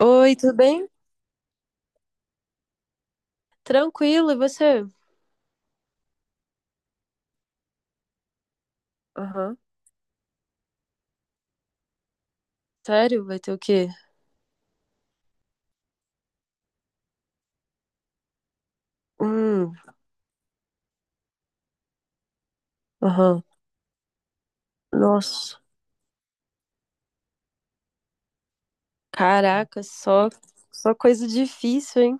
Oi, tudo bem? Tranquilo, e você? Aham. Sério? Vai ter o quê? Hum, aham. Nossa. Caraca, só coisa difícil, hein?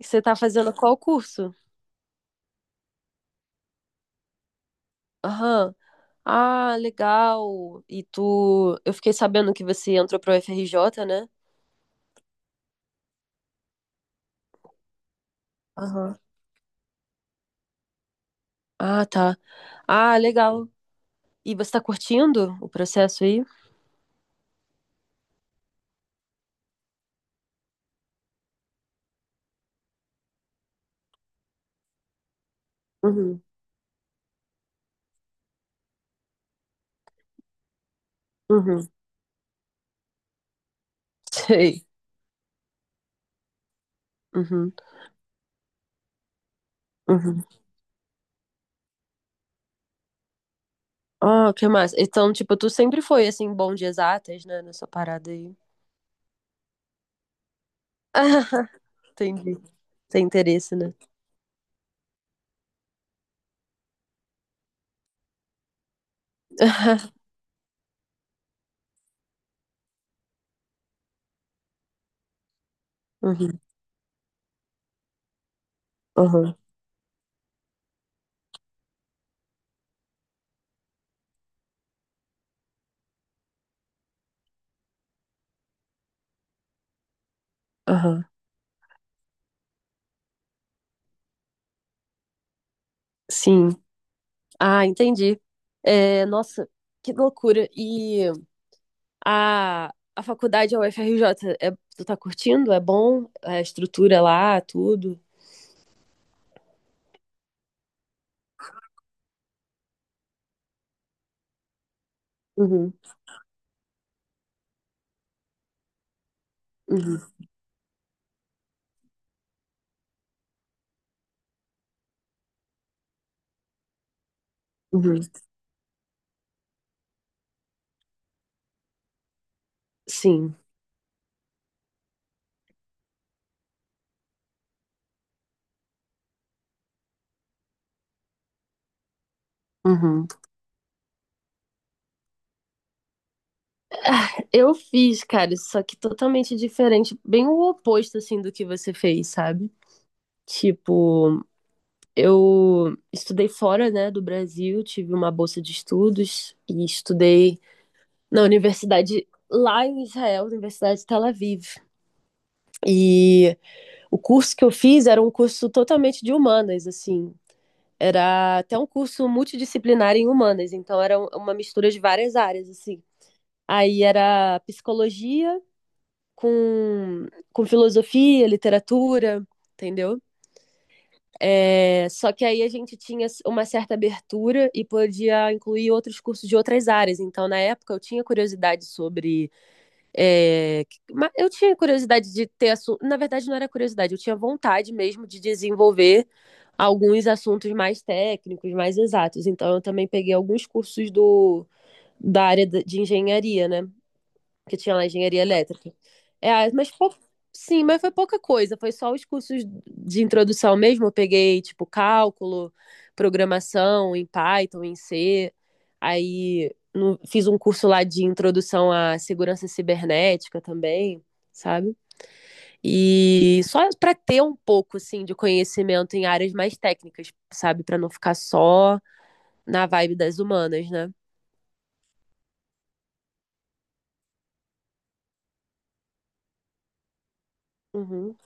E você tá fazendo qual curso? Aham. Ah, legal. E tu. Eu fiquei sabendo que você entrou pro FRJ, né? Aham. Ah, tá. Ah, legal. E você tá curtindo o processo aí? Uhum. Uhum. Sei. Uhum. Uhum. Ah, que massa. Então, tipo, tu sempre foi, assim, bom de exatas, né? Nessa parada aí. Ah, entendi. Tem interesse, né? Uhum, aham, aham. Sim. Ah, entendi. É, nossa, que loucura. E a, a faculdade, a UFRJ, é, tu tá curtindo? É bom? A estrutura lá, tudo? Uhum, uhum, uhum. Sim. Uhum. Eu fiz, cara, só que totalmente diferente, bem o oposto, assim, do que você fez, sabe? Tipo, eu estudei fora, né, do Brasil, tive uma bolsa de estudos e estudei na universidade lá em Israel, Universidade de Tel Aviv. E o curso que eu fiz era um curso totalmente de humanas, assim. Era até um curso multidisciplinar em humanas, então era uma mistura de várias áreas, assim. Aí era psicologia com, com filosofia, literatura, entendeu? É, só que aí a gente tinha uma certa abertura e podia incluir outros cursos de outras áreas. Então, na época, eu tinha curiosidade sobre. é, eu tinha curiosidade de ter assunto. Na verdade, não era curiosidade, eu tinha vontade mesmo de desenvolver alguns assuntos mais técnicos, mais exatos. Então, eu também peguei alguns cursos da área de engenharia, né? Que tinha lá engenharia elétrica. É, mas pou- sim, mas foi pouca coisa, foi só os cursos de introdução mesmo. Eu peguei, tipo, cálculo, programação em Python, em C. Aí no- Fiz um curso lá de introdução à segurança cibernética também, sabe? E só para ter um pouco, assim, de conhecimento em áreas mais técnicas, sabe? Para não ficar só na vibe das humanas, né? Uhum,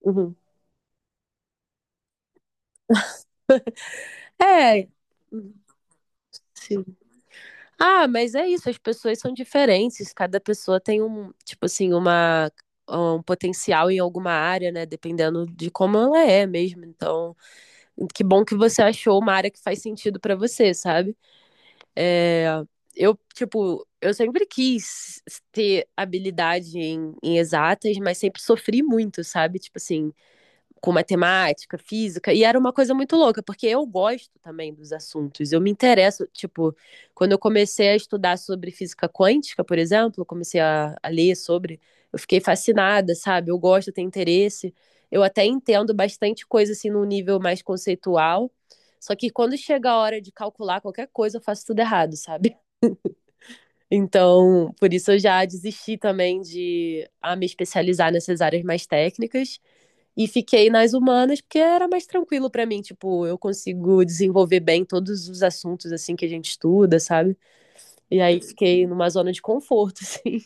uhum. É. Uhum, sim. Ah, mas é isso, as pessoas são diferentes, cada pessoa tem um potencial em alguma área, né? Dependendo de como ela é mesmo. Então, que bom que você achou uma área que faz sentido pra você, sabe? É, eu, tipo, eu sempre quis ter habilidade em, em exatas, mas sempre sofri muito, sabe? Tipo assim, com matemática, física, e era uma coisa muito louca, porque eu gosto também dos assuntos, eu me interesso, tipo, quando eu comecei a estudar sobre física quântica, por exemplo, eu comecei a ler sobre, eu fiquei fascinada, sabe? Eu gosto, eu tenho interesse, eu até entendo bastante coisa, assim, num nível mais conceitual, só que quando chega a hora de calcular qualquer coisa, eu faço tudo errado, sabe? Então, por isso eu já desisti também de a me especializar nessas áreas mais técnicas, e fiquei nas humanas porque era mais tranquilo pra mim, tipo, eu consigo desenvolver bem todos os assuntos assim que a gente estuda, sabe? E aí fiquei numa zona de conforto, assim.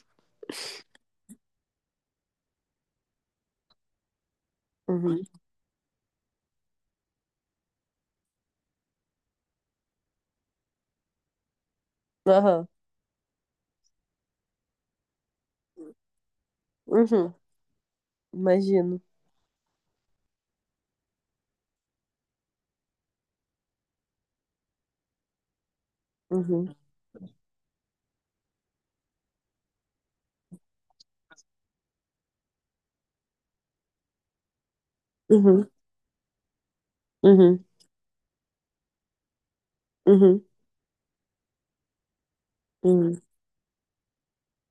Uhum. Aham. Uhum. Imagino. Uhum. Uhum. Uhum. Uhum. Uhum.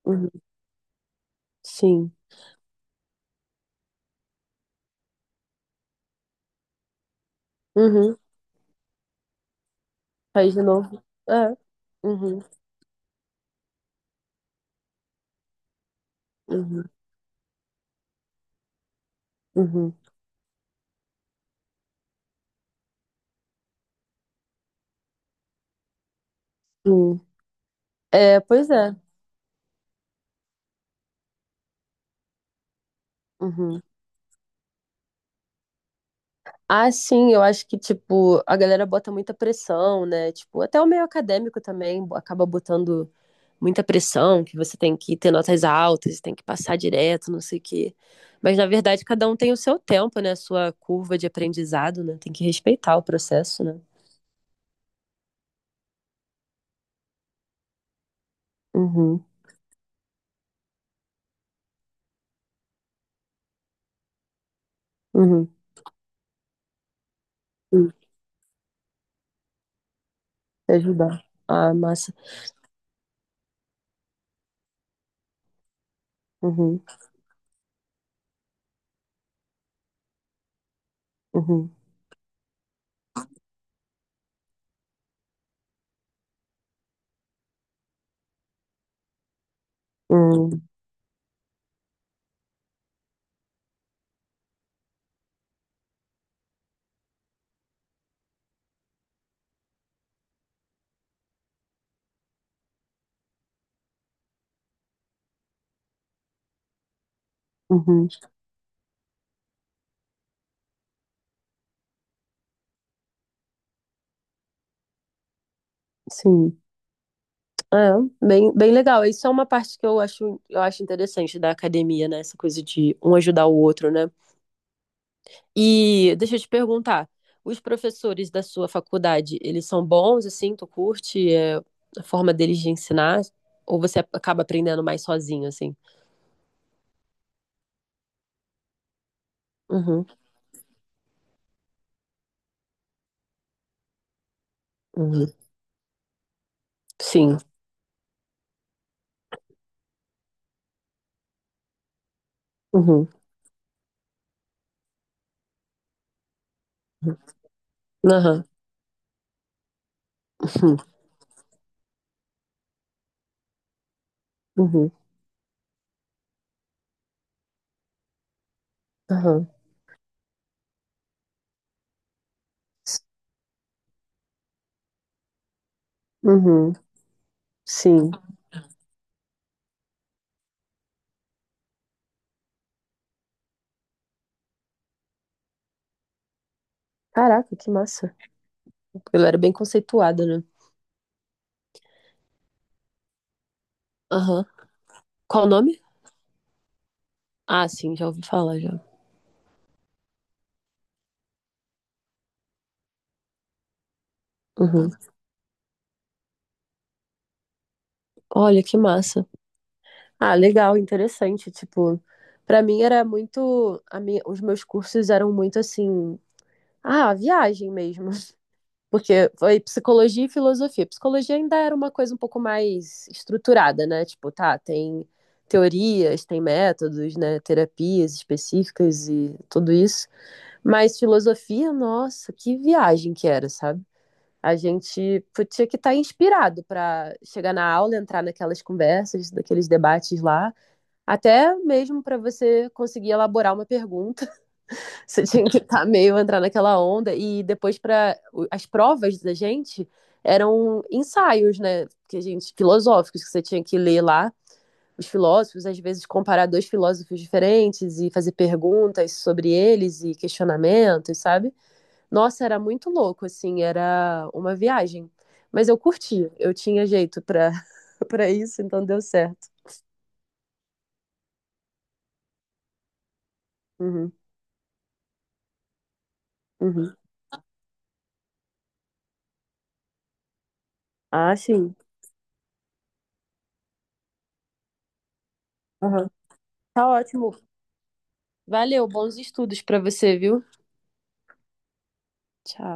Uhum. Sim. Uhum. Faz de novo. É. Uhum. Uhum. Uhum. Uhum. É, pois é. Uhum. Ah, sim, eu acho que, tipo, a galera bota muita pressão, né? Tipo, até o meio acadêmico também acaba botando muita pressão, que você tem que ter notas altas, tem que passar direto, não sei o quê. Mas, na verdade, cada um tem o seu tempo, né? A sua curva de aprendizado, né? Tem que respeitar o processo, né? Uhum, uhum, uhum. Te ajudar. Ah, massa. Uhum, uhum, uhum, uhum. Sim. É, bem legal. Isso é uma parte que eu acho interessante da academia, né? Essa coisa de um ajudar o outro, né? E deixa eu te perguntar, os professores da sua faculdade, eles são bons, assim? Tu curte, é, a forma deles de ensinar? Ou você acaba aprendendo mais sozinho, assim? Uhum, uhum. Sim. Uhum. Aham. Uhum. Uhum. Aham. Uhum. Sim. Caraca, que massa. Ela era bem conceituada, né? Aham. Qual o nome? Ah, sim, já ouvi falar já. Uhum. Olha que massa. Ah, legal, interessante. Tipo, pra mim era muito, os meus cursos eram muito assim, ah, viagem mesmo, porque foi psicologia e filosofia. Psicologia ainda era uma coisa um pouco mais estruturada, né? Tipo, tá, tem teorias, tem métodos, né? Terapias específicas e tudo isso. Mas filosofia, nossa, que viagem que era, sabe? A gente tinha que estar inspirado para chegar na aula, entrar naquelas conversas, daqueles debates lá, até mesmo para você conseguir elaborar uma pergunta. Você tinha que estar meio entrar naquela onda e depois para as provas da gente eram ensaios, né, que a gente filosóficos que você tinha que ler lá os filósofos, às vezes comparar dois filósofos diferentes e fazer perguntas sobre eles e questionamentos, sabe? Nossa, era muito louco, assim, era uma viagem. Mas eu curti, eu tinha jeito pra para isso, então deu certo. Uhum, uhum. Ah, sim. Aham. Tá ótimo. Valeu, bons estudos pra você, viu? Tchau.